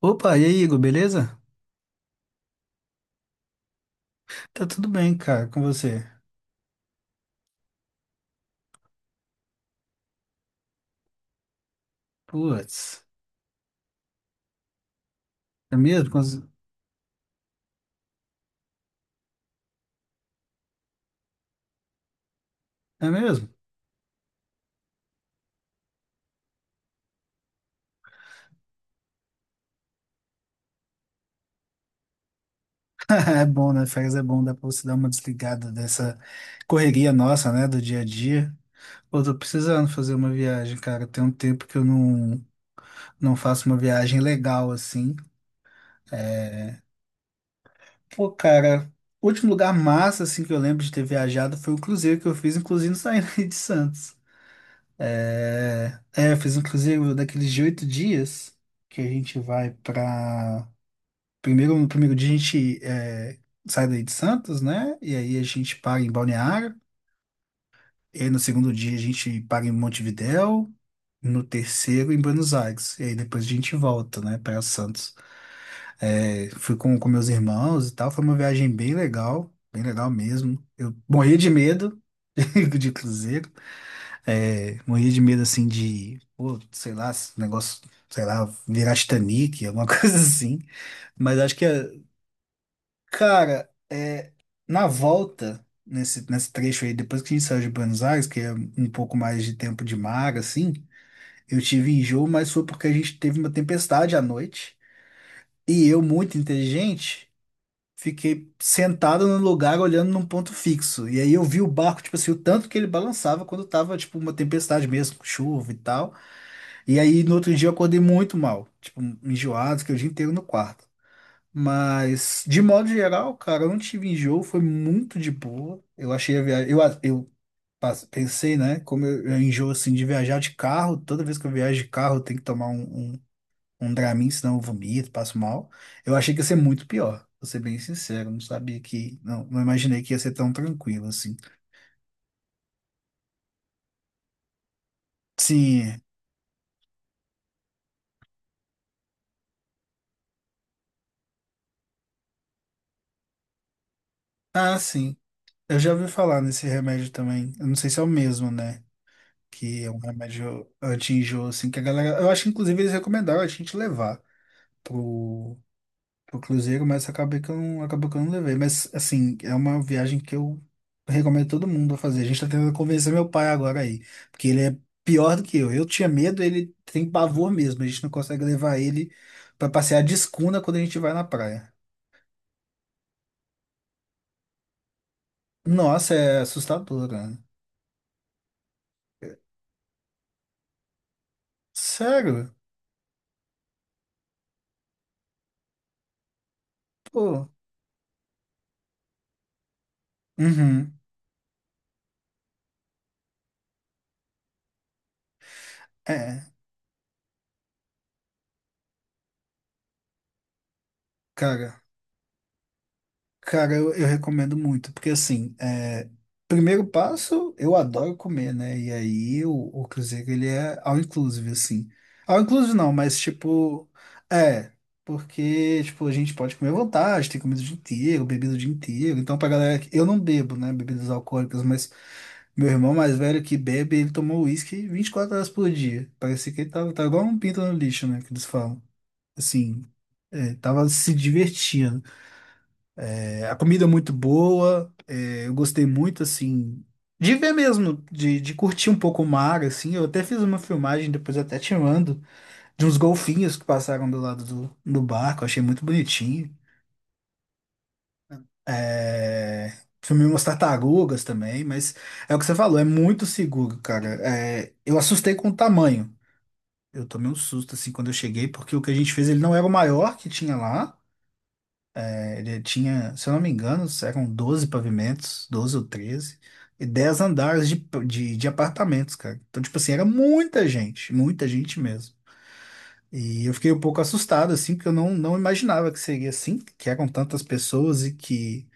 Opa, e aí, Igor, beleza? Tá tudo bem, cara, com você? Putz, é mesmo? É mesmo? É bom, né? Férias é bom, dá pra você dar uma desligada dessa correria nossa, né, do dia a dia. Pô, tô precisando fazer uma viagem, cara. Tem um tempo que eu não faço uma viagem legal, assim. É. Pô, cara, o último lugar massa, assim, que eu lembro de ter viajado foi o cruzeiro que eu fiz, inclusive saindo de Santos. Eu fiz um cruzeiro daqueles de 8 dias que a gente vai pra. Primeiro, no primeiro dia a gente sai daí de Santos, né? E aí a gente para em Balneário. E aí no segundo dia a gente para em Montevidéu. No terceiro em Buenos Aires. E aí depois a gente volta, né, para Santos. É, fui com meus irmãos e tal. Foi uma viagem bem legal mesmo. Eu morri de medo de cruzeiro. É, morria de medo assim de, pô, sei lá, esse negócio, sei lá, virar Titanic, alguma coisa assim. Mas acho que, cara, é, na volta, nesse trecho aí, depois que a gente saiu de Buenos Aires, que é um pouco mais de tempo de mar, assim, eu tive enjoo, mas foi porque a gente teve uma tempestade à noite. E eu, muito inteligente, fiquei sentado no lugar olhando num ponto fixo. E aí eu vi o barco, tipo assim, o tanto que ele balançava quando tava, tipo, uma tempestade mesmo, com chuva e tal. E aí, no outro dia, eu acordei muito mal, tipo, enjoado, fiquei o dia inteiro no quarto. Mas, de modo geral, cara, eu não tive enjoo, foi muito de boa. Eu achei a viagem. Eu, eu pensei, né? Como eu enjoo assim de viajar de carro, toda vez que eu viajo de carro, eu tenho que tomar um, um Dramin, senão eu vomito, passo mal. Eu achei que ia ser muito pior, vou ser bem sincero. Não sabia que. Não imaginei que ia ser tão tranquilo assim. Sim. Ah, sim. Eu já ouvi falar nesse remédio também. Eu não sei se é o mesmo, né? Que é um remédio anti-enjoo, assim, que a galera. Eu acho que inclusive eles recomendaram a gente levar pro, pro, Cruzeiro, mas acabei que eu não, acabou que eu não levei. Mas assim, é uma viagem que eu recomendo todo mundo a fazer. A gente tá tentando convencer meu pai agora aí, porque ele é pior do que eu. Eu tinha medo, ele tem pavor mesmo. A gente não consegue levar ele pra passear de escuna quando a gente vai na praia. Nossa, é assustador, né? Sério? Pô. Uhum. É, cara. Cara, eu recomendo muito, porque assim, é, primeiro passo, eu adoro comer, né? E aí o, Cruzeiro, ele é all inclusive, assim. All inclusive não, mas tipo, é, porque, tipo, a gente pode comer à vontade, tem comida o dia inteiro, bebida o dia inteiro. Então, pra galera que, eu não bebo, né, bebidas alcoólicas, mas meu irmão mais velho que bebe, ele tomou uísque 24 horas por dia. Parecia que ele tava, igual um pinto no lixo, né, que eles falam. Assim, é, tava se divertindo. É, a comida é muito boa, é, eu gostei muito, assim, de ver mesmo, de curtir um pouco o mar, assim. Eu até fiz uma filmagem, depois eu até te mando, de uns golfinhos que passaram do lado do barco, achei muito bonitinho. É, filmei umas tartarugas também, mas é o que você falou, é muito seguro, cara. É, eu assustei com o tamanho. Eu tomei um susto, assim, quando eu cheguei, porque o que a gente fez, ele não era o maior que tinha lá. Ele tinha, se eu não me engano, eram 12 pavimentos, 12 ou 13 e 10 andares de, de apartamentos, cara. Então, tipo assim, era muita gente mesmo. E eu fiquei um pouco assustado, assim, porque eu não imaginava que seria assim, que eram tantas pessoas e que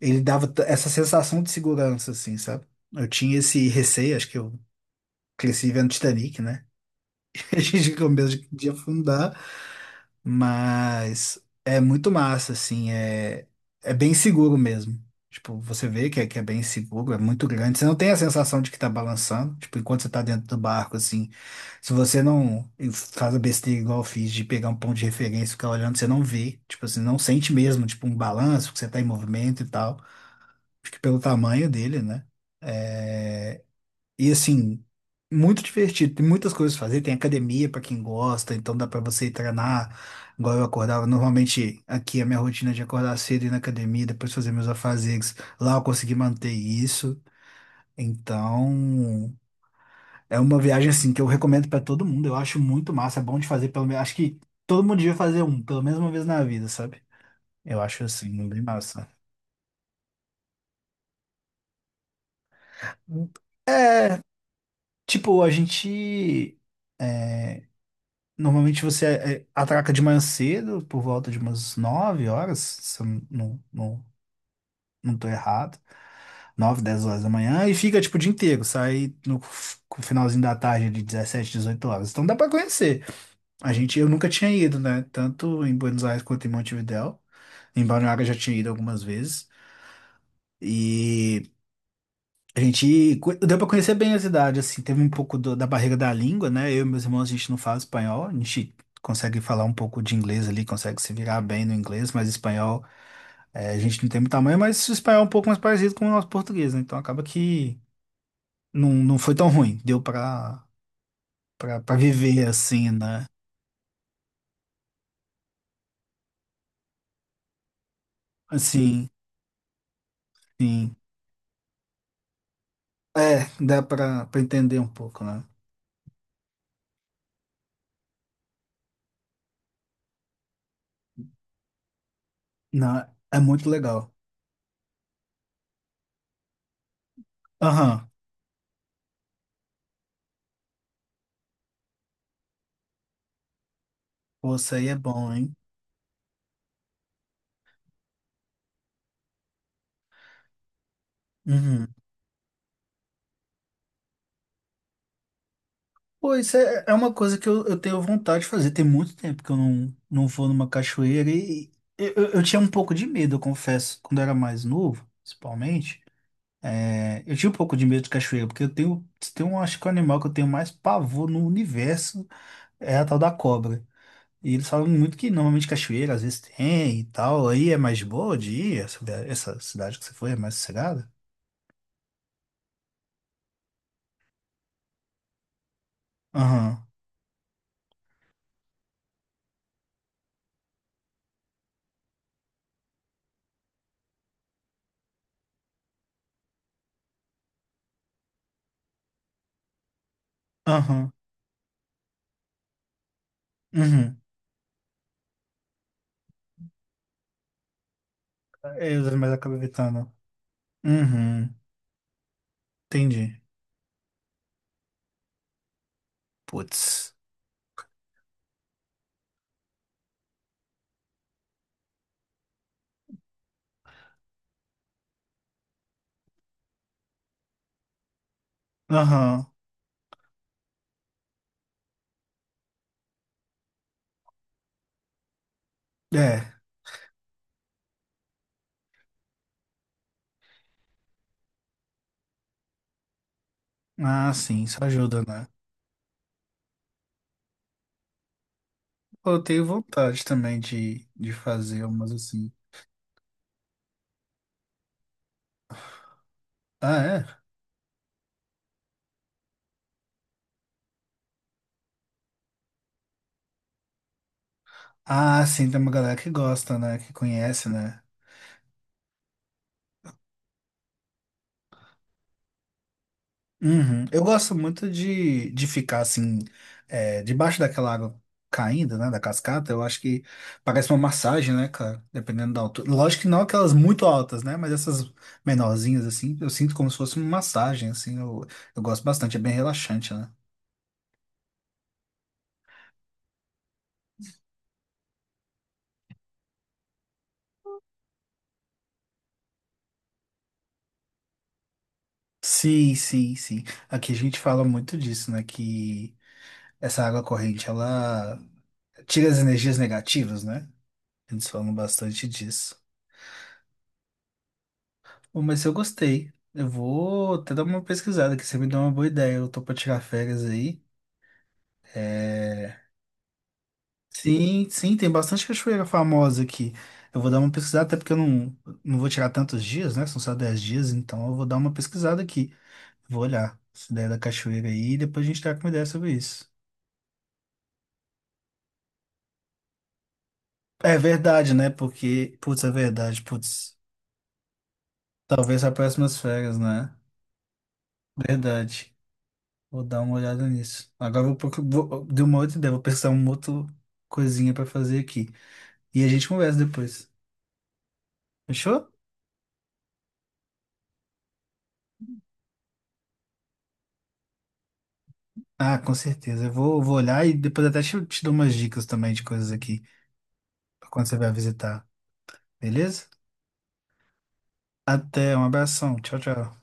ele dava essa sensação de segurança, assim, sabe? Eu tinha esse receio, acho que eu cresci vendo Titanic, né? A gente com medo de afundar. Mas é muito massa, assim, é, é bem seguro mesmo. Tipo, você vê que é bem seguro, é muito grande. Você não tem a sensação de que tá balançando, tipo, enquanto você tá dentro do barco, assim. Se você não faz a besteira igual eu fiz de pegar um ponto de referência e ficar olhando, você não vê. Tipo assim, não sente mesmo, tipo, um balanço, que você tá em movimento e tal. Acho que pelo tamanho dele, né? É, e assim, muito divertido. Tem muitas coisas pra fazer. Tem academia pra quem gosta, então dá pra você ir treinar. Agora eu acordava, normalmente aqui a minha rotina é de acordar cedo e ir na academia, depois fazer meus afazeres. Lá eu consegui manter isso. Então, é uma viagem assim que eu recomendo pra todo mundo. Eu acho muito massa, é bom de fazer pelo menos, acho que todo mundo devia fazer um, pelo menos uma vez na vida, sabe? Eu acho assim, bem massa. É, tipo, a gente normalmente você atraca de manhã cedo, por volta de umas 9 horas, se eu não, não, não tô errado. 9, 10 horas da manhã, e fica tipo o dia inteiro, sai no finalzinho da tarde de 17, 18 horas. Então dá pra conhecer. A gente, eu nunca tinha ido, né? Tanto em Buenos Aires quanto em Montevidéu. Em Balneário eu já tinha ido algumas vezes. e Deu pra conhecer bem a cidade, assim, teve um pouco da barreira da língua, né? Eu e meus irmãos, a gente não fala espanhol, a gente consegue falar um pouco de inglês ali, consegue se virar bem no inglês, mas espanhol, a gente não tem muito tamanho, mas o espanhol é um pouco mais parecido com o nosso português, né? Então acaba que não foi tão ruim, deu pra, pra viver assim, né? Assim, sim. É, dá pra, pra, entender um pouco, né? Não, é muito legal. Aham. Pô, isso aí é bom, hein? Uhum. Pô, isso é uma coisa que eu tenho vontade de fazer. Tem muito tempo que eu não vou numa cachoeira e eu, eu tinha um pouco de medo, eu confesso, quando eu era mais novo, principalmente. É, eu tinha um pouco de medo de cachoeira, porque eu tenho, tem um, acho que o animal que eu tenho mais pavor no universo é a tal da cobra. E eles falam muito que normalmente cachoeira às vezes tem e tal, aí é mais de boa de ir, essa, cidade que você foi é mais sossegada? Aham, aham, uhum. É, mas acaba evitando. Uhum, entendi. Putz. Aham. É. Ah, sim, isso ajuda, né? Pô, eu tenho vontade também de, fazer umas assim. Ah, é? Ah, sim, tem uma galera que gosta, né? Que conhece, né? Uhum. Eu gosto muito de ficar assim, é, debaixo daquela água caindo, né? Da cascata. Eu acho que parece uma massagem, né, cara? Dependendo da altura. Lógico que não aquelas muito altas, né? Mas essas menorzinhas, assim, eu sinto como se fosse uma massagem, assim. Eu gosto bastante, é bem relaxante, né? Sim, sim, sim. Aqui a gente fala muito disso, né? Que essa água corrente, ela tira as energias negativas, né? Eles falam bastante disso. Bom, mas eu gostei. Eu vou até dar uma pesquisada aqui, você me deu uma boa ideia. Eu tô pra tirar férias aí. É. Sim, sim, tem bastante cachoeira famosa aqui. Eu vou dar uma pesquisada, até porque eu não vou tirar tantos dias, né? São só 10 dias, então eu vou dar uma pesquisada aqui. Vou olhar essa ideia da cachoeira aí e depois a gente tá com uma ideia sobre isso. É verdade, né? Porque, putz, é verdade, putz. Talvez para próximas férias, né? Verdade. Vou dar uma olhada nisso. Agora eu vou, vou deu uma outra ideia, vou pensar uma outra coisinha para fazer aqui. E a gente conversa depois. Fechou? Ah, com certeza. Eu vou olhar e depois até te, dou umas dicas também de coisas aqui, pra quando você vai visitar. Beleza? Até, um abração. Tchau, tchau.